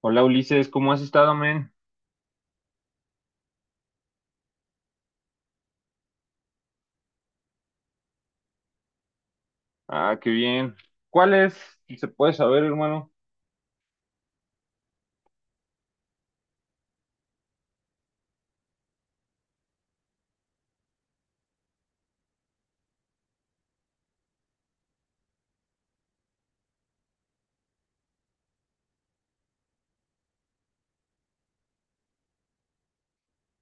Hola Ulises, ¿cómo has estado, men? Ah, qué bien. ¿Cuál es? ¿Se puede saber, hermano?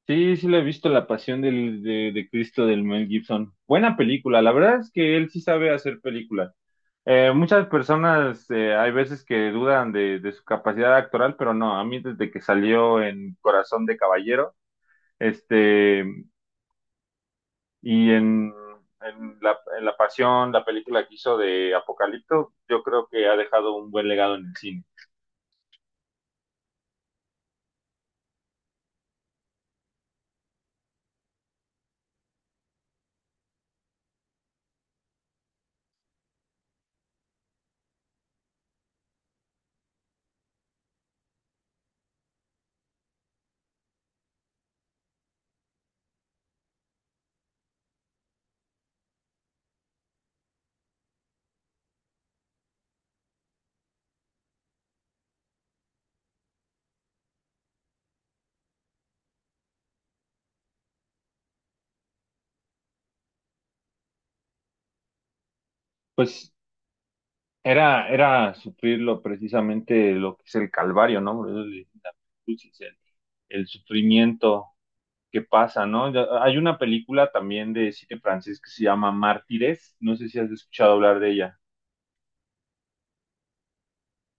Sí, sí, le he visto La Pasión de Cristo del Mel Gibson. Buena película, la verdad es que él sí sabe hacer películas. Muchas personas hay veces que dudan de su capacidad actoral, pero no, a mí desde que salió en Corazón de Caballero, este, y en, en La Pasión, la película que hizo de Apocalipto, yo creo que ha dejado un buen legado en el cine. Pues era, era sufrirlo precisamente lo que es el calvario, ¿no? Por eso le dicen la cruz, es el el sufrimiento que pasa, ¿no? Ya, hay una película también de cine francés que se llama Mártires, no sé si has escuchado hablar de ella.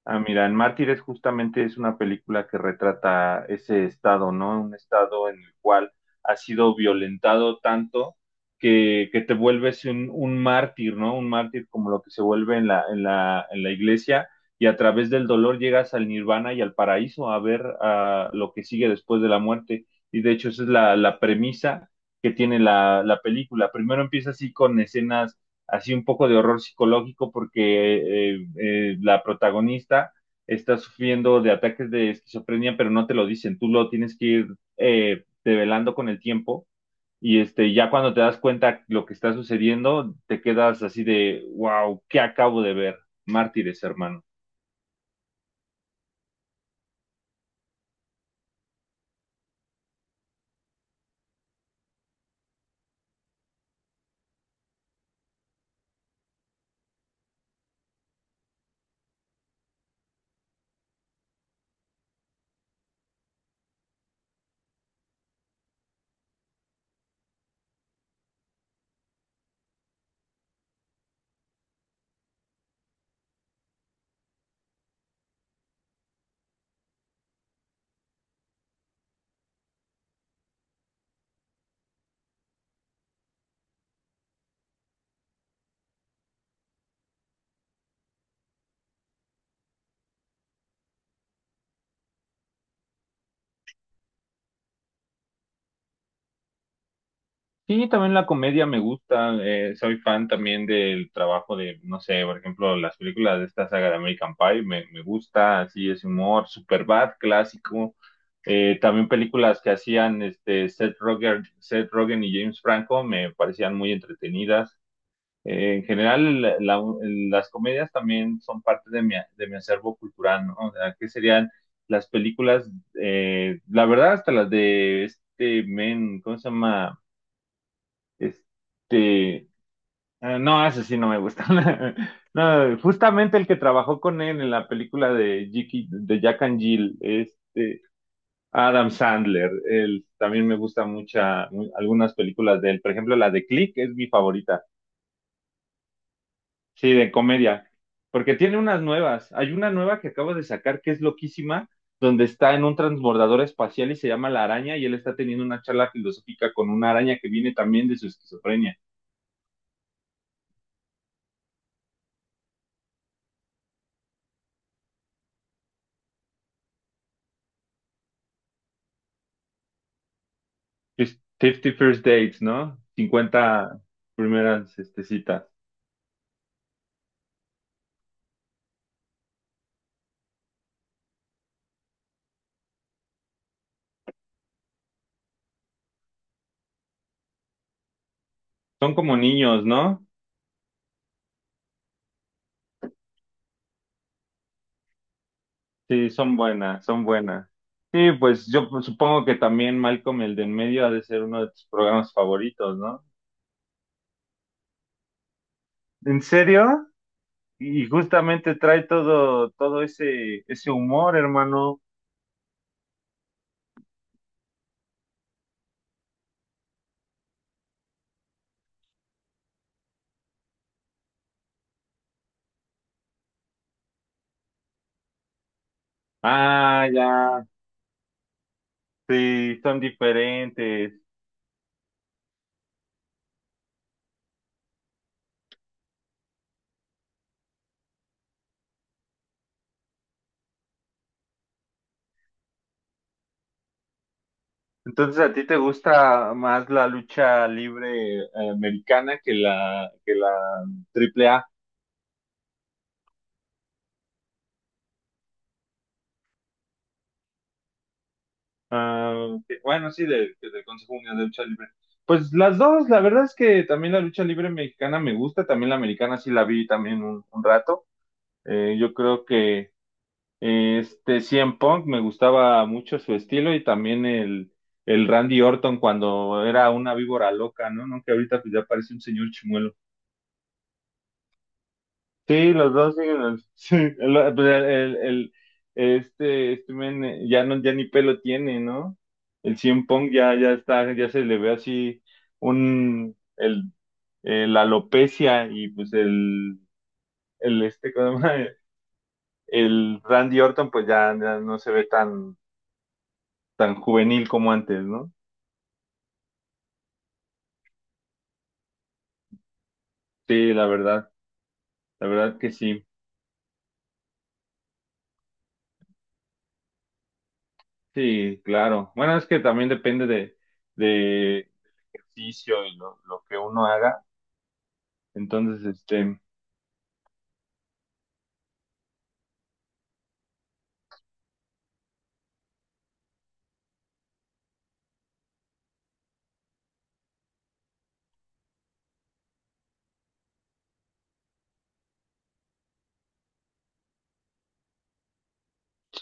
Ah, mira, en Mártires justamente es una película que retrata ese estado, ¿no? Un estado en el cual has sido violentado tanto que te vuelves un mártir, ¿no? Un mártir como lo que se vuelve en la en la iglesia y a través del dolor llegas al nirvana y al paraíso a ver ah, lo que sigue después de la muerte. Y de hecho esa es la premisa que tiene la película. Primero empieza así con escenas así un poco de horror psicológico porque la protagonista está sufriendo de ataques de esquizofrenia, pero no te lo dicen, tú lo tienes que ir develando con el tiempo y ya cuando te das cuenta lo que está sucediendo, te quedas así de, wow, ¿qué acabo de ver? Mártires, hermano. Sí, también la comedia me gusta. Soy fan también del trabajo de, no sé, por ejemplo, las películas de esta saga de American Pie me gusta, así es humor, Superbad, clásico. También películas que hacían este, Seth Rogen y James Franco me parecían muy entretenidas. En general, las comedias también son parte de mi acervo cultural, ¿no? O sea, ¿qué serían las películas? La verdad, hasta las de este men, ¿cómo se llama? Este, no, ese sí no me gusta. No, justamente el que trabajó con él en la película de, de Jack and Jill, este, Adam Sandler, él también me gusta mucha, mu- algunas películas de él. Por ejemplo, la de Click es mi favorita. Sí, de comedia. Porque tiene unas nuevas. Hay una nueva que acabo de sacar que es loquísima, donde está en un transbordador espacial y se llama La Araña, y él está teniendo una charla filosófica con una araña que viene también de su esquizofrenia. Fifty First Dates, ¿no? Cincuenta primeras este, citas. Son como niños, ¿no? Sí, son buenas, son buenas. Sí, pues yo pues, supongo que también Malcolm el de en medio ha de ser uno de tus programas favoritos, ¿no? ¿En serio? Y justamente trae todo, todo ese, ese humor, hermano. Ah, ya, sí, son diferentes. Entonces, ¿a ti te gusta más la lucha libre americana que que la A. A A? Ah, ok. Bueno, sí, del Consejo Mundial de Lucha Libre. Pues las dos, la verdad es que también la lucha libre mexicana me gusta, también la americana sí la vi también un rato. Yo creo que este CM Punk me gustaba mucho su estilo y también el Randy Orton cuando era una víbora loca, ¿no? ¿No? Que ahorita pues ya parece un señor chimuelo. Sí, los dos siguen. Al- Sí, el, pues, este, este men ya no, ya ni pelo tiene, ¿no? El CM Punk ya, ya está, ya se le ve así un, el, la alopecia y pues el este, ¿cómo se llama? El Randy Orton pues ya, ya no se ve tan, tan juvenil como antes, ¿no? Sí, la verdad que sí. Sí, claro. Bueno, es que también depende de del ejercicio y lo que uno haga. Entonces, este,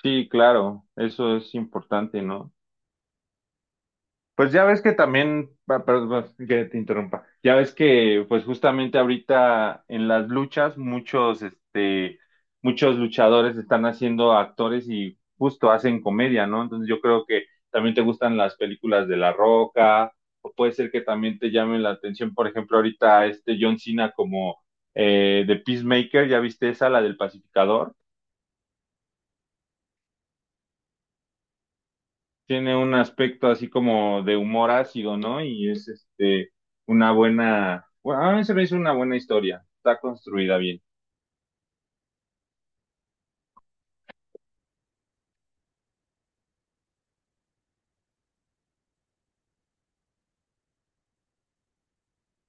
sí, claro, eso es importante, ¿no? Pues ya ves que también, pa- perdón, que te interrumpa, ya ves que pues justamente ahorita en las luchas muchos, este, muchos luchadores están haciendo actores y justo hacen comedia, ¿no? Entonces yo creo que también te gustan las películas de La Roca, o puede ser que también te llamen la atención, por ejemplo, ahorita este John Cena como The Peacemaker, ¿ya viste esa, la del pacificador? Tiene un aspecto así como de humor ácido, ¿no? Y es este una buena, bueno, a mí se me hizo una buena historia, está construida bien.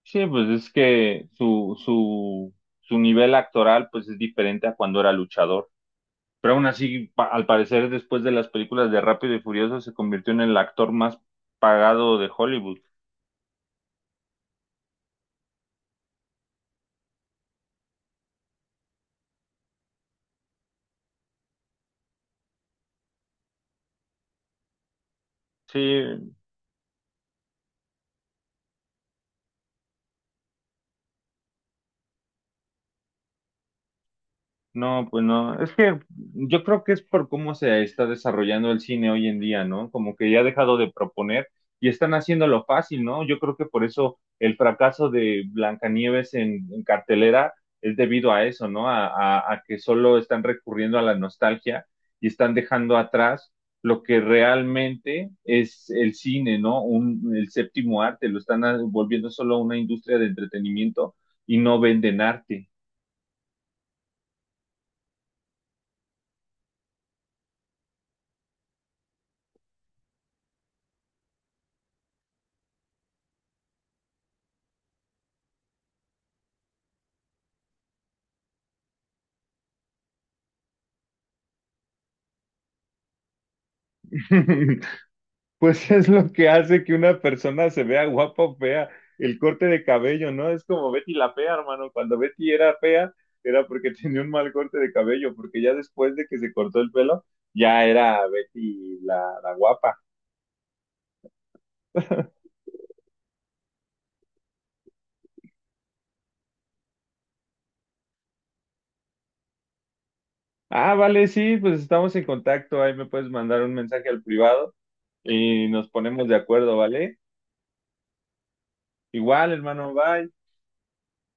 Sí, pues es que su, su nivel actoral pues es diferente a cuando era luchador. Pero aún así, pa- al parecer, después de las películas de Rápido y Furioso, se convirtió en el actor más pagado de Hollywood. Sí, no, pues no. Es que yo creo que es por cómo se está desarrollando el cine hoy en día, ¿no? Como que ya ha dejado de proponer y están haciéndolo fácil, ¿no? Yo creo que por eso el fracaso de Blancanieves en cartelera es debido a eso, ¿no? A que solo están recurriendo a la nostalgia y están dejando atrás lo que realmente es el cine, ¿no? Un, el séptimo arte, lo están ah, volviendo solo una industria de entretenimiento y no venden arte. Pues es lo que hace que una persona se vea guapa o fea, el corte de cabello, ¿no? Es como Betty la fea, hermano. Cuando Betty era fea, era porque tenía un mal corte de cabello, porque ya después de que se cortó el pelo, ya era Betty la guapa. Ah, vale, sí, pues estamos en contacto. Ahí me puedes mandar un mensaje al privado y nos ponemos de acuerdo, ¿vale? Igual, hermano, bye.